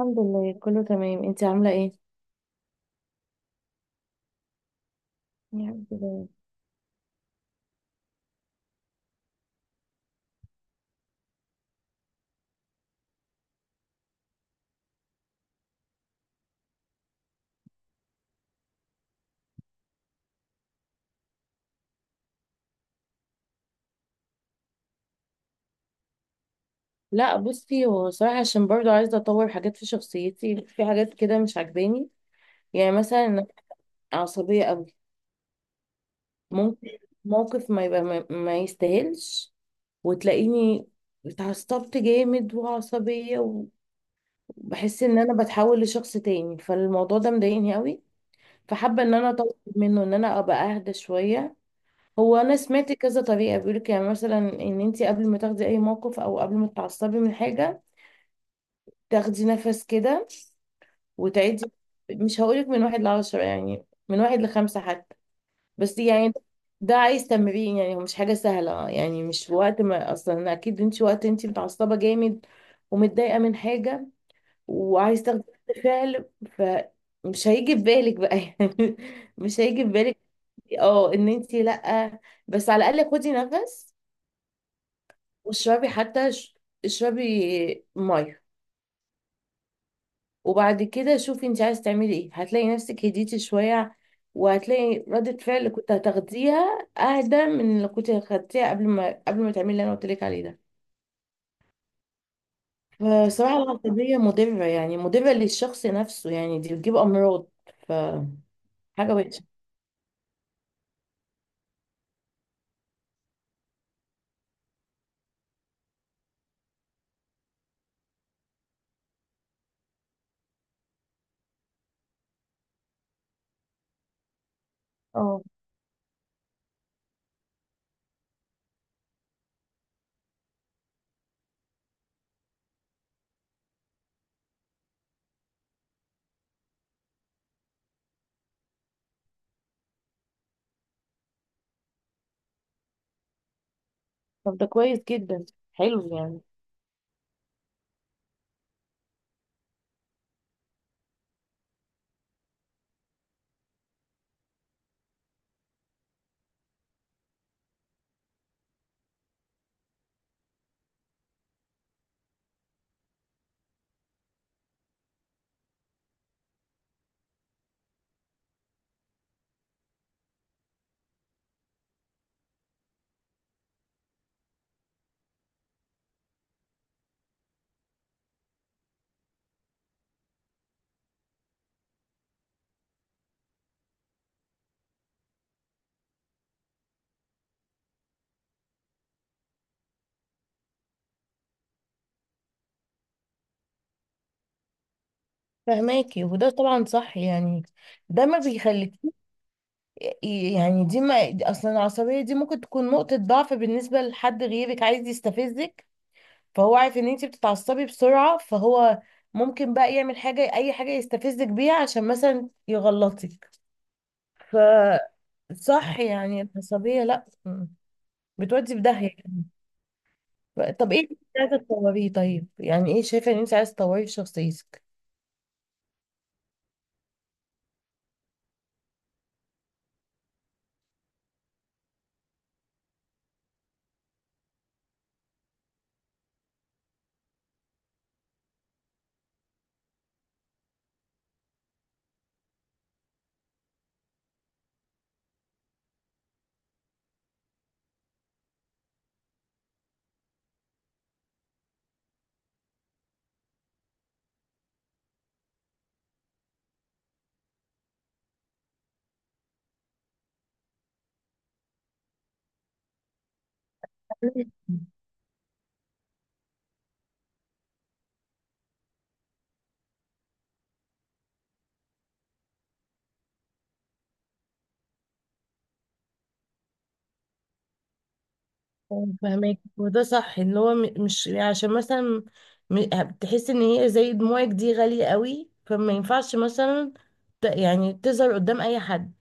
الحمد لله كله تمام، انت عاملة ايه؟ يا رب دايما. لا بصي، هو صراحة عشان برضو عايزة اطور حاجات في شخصيتي، في حاجات كده مش عجباني. يعني مثلا انا عصبية قوي، ممكن موقف ما يبقى ما يستاهلش وتلاقيني اتعصبت جامد وعصبية، وبحس ان انا بتحول لشخص تاني، فالموضوع ده مضايقني قوي، فحابة ان انا اطور منه، ان انا ابقى اهدى شوية. هو انا سمعت كذا طريقه، بيقولك يعني مثلا ان انت قبل ما تاخدي اي موقف او قبل ما تتعصبي من حاجه، تاخدي نفس كده وتعدي. مش هقولك من واحد لعشرة، يعني من واحد لخمسة حتى، بس يعني ده عايز تمرين. يعني هو مش حاجة سهلة، يعني مش وقت ما، أصلا أكيد انت وقت انت متعصبة جامد ومتضايقة من حاجة وعايز تاخدي رد فعل، فمش هيجي في بالك بقى يعني، مش هيجي في بالك اه ان انت لأ. بس على الأقل خدي نفس واشربي حتى اشربي ميه، وبعد كده شوفي انت عايزه تعملي ايه. هتلاقي نفسك هديتي شويه، وهتلاقي ردة فعل اللي كنت هتاخديها اهدى من اللي كنت خدتيها قبل ما تعملي اللي انا قلت لك عليه ده. فصراحه العصبيه مضره، يعني مضره للشخص نفسه، يعني دي بتجيب امراض، فحاجه وحشه. اه، طب ده كويس جدا، حلو يعني. فهماكي، وده طبعا صح يعني، ده ما بيخليك. يعني دي ما دي- اصلا العصبيه دي ممكن تكون نقطه ضعف بالنسبه لحد غيرك عايز يستفزك، فهو عارف ان انت بتتعصبي بسرعه، فهو ممكن بقى يعمل حاجه، اي حاجه يستفزك بيها عشان مثلا يغلطك. فصح يعني العصبيه لا م- بتودي في داهيه. طب ايه اللي انت عايزه تطوريه؟ طيب يعني ايه شايفه ان انت عايزه تطوريه في شخصيتك؟ فهمك، وده صح ان هو مش يعني عشان مثلا، م- بتحس ان هي زي دموعك دي غالية قوي، فما ينفعش مثلا يعني تظهر قدام اي حد.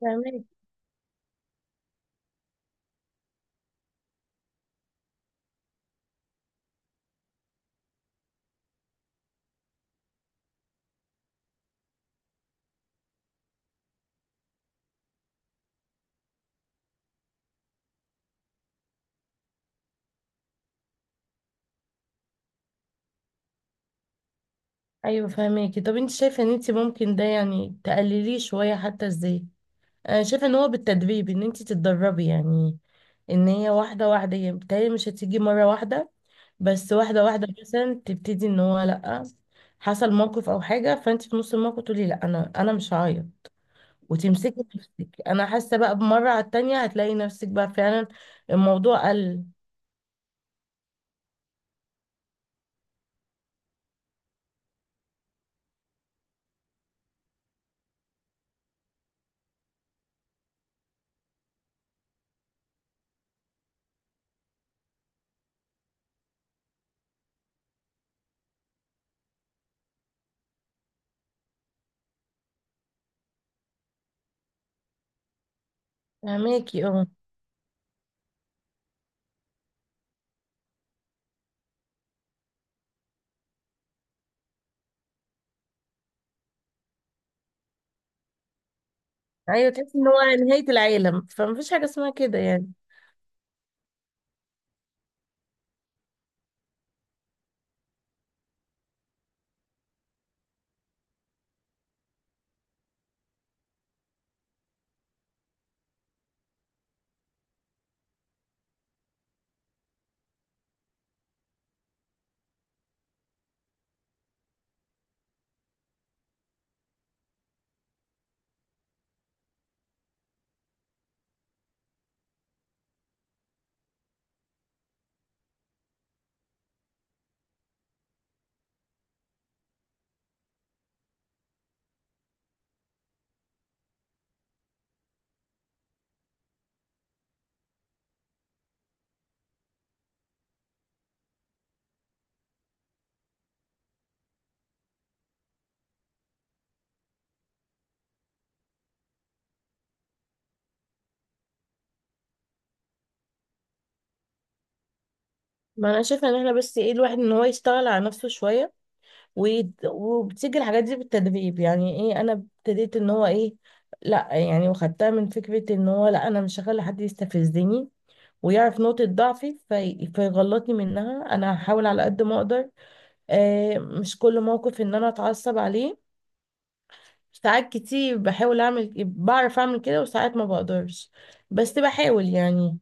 فهمك. ايوه فهمك. طب انت شايفة ان انت ممكن ده يعني تقلليه شوية حتى ازاي؟ انا شايفة ان هو بالتدريب، ان انت تتدربي يعني. ان هي واحدة واحدة، يعني بتهيألي مش هتيجي مرة واحدة، بس واحدة واحدة مثلا تبتدي ان هو لأ، حصل موقف او حاجة فانت في نص الموقف تقولي لأ، انا مش هعيط وتمسكي نفسك. انا حاسه بقى بمره على التانية هتلاقي نفسك بقى فعلا الموضوع قل. فهماكي اه. ايوه، تحسي ان هو نهايه العالم، فمفيش حاجه اسمها كده يعني. ما انا شايفه ان احنا بس ايه، الواحد ان هو يشتغل على نفسه شويه، وبتيجي الحاجات دي بالتدريب. يعني ايه، انا ابتديت ان هو ايه، لا يعني، وخدتها من فكره ان هو لا، انا مش هخلي حد يستفزني ويعرف نقطة ضعفي في... فيغلطني منها. أنا هحاول على قد ما أقدر آه، مش كل موقف إن أنا أتعصب عليه. ساعات كتير بحاول اعمل، بعرف اعمل كده، وساعات ما بقدرش، بس بحاول يعني.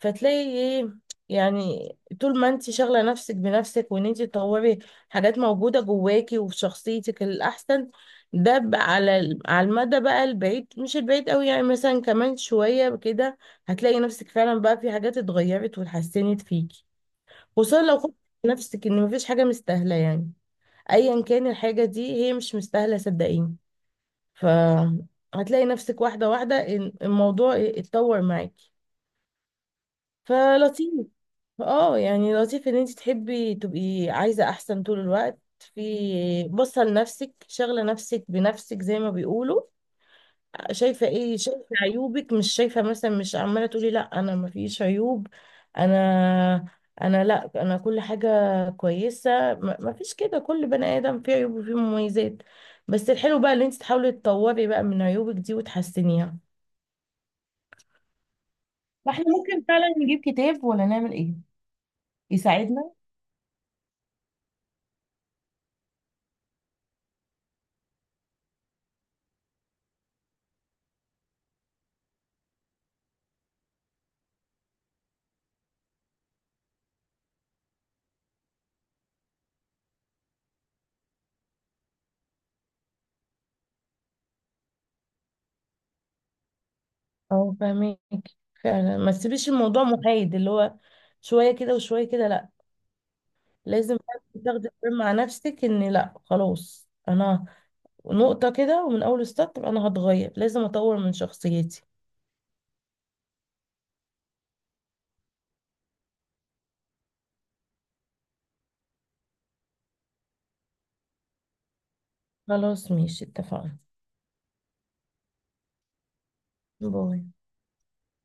فتلاقي ايه يعني، طول ما انت شاغله نفسك بنفسك وان انت تطوري حاجات موجوده جواكي وفي شخصيتك الاحسن، ده على المدى بقى البعيد، مش البعيد قوي، يعني مثلا كمان شويه كده هتلاقي نفسك فعلا بقى في حاجات اتغيرت واتحسنت فيكي. خصوصا لو خدت نفسك ان مفيش حاجه مستاهله يعني، ايا كان الحاجه دي هي مش مستاهله، صدقيني. فهتلاقي نفسك واحدة واحدة إن الموضوع اتطور معاكي، فلطيف. اه، يعني لطيف ان انت تحبي تبقي عايزة احسن طول الوقت، في باصة لنفسك شاغلة نفسك بنفسك زي ما بيقولوا. شايفة ايه، شايفة عيوبك، مش شايفة مثلا، مش عمالة تقولي لا انا ما فيش عيوب، انا انا لا انا، كل حاجة كويسة، ما فيش كده. كل بني ادم فيه عيوب وفيه مميزات، بس الحلو بقى ان انت تحاولي تطوري بقى من عيوبك دي وتحسنيها. ما احنا ممكن فعلا نجيب كتاب ولا نعمل ايه يساعدنا. اه فاهمك، فعلا ما تسيبيش الموضوع محايد، اللي هو شوية كده وشوية كده، لا، لازم فعلاً تاخدي قرار مع نفسك ان لا خلاص، انا نقطة كده ومن اول ستارت انا هتغير، لازم اطور من شخصيتي. خلاص ماشي، اتفقنا. باي.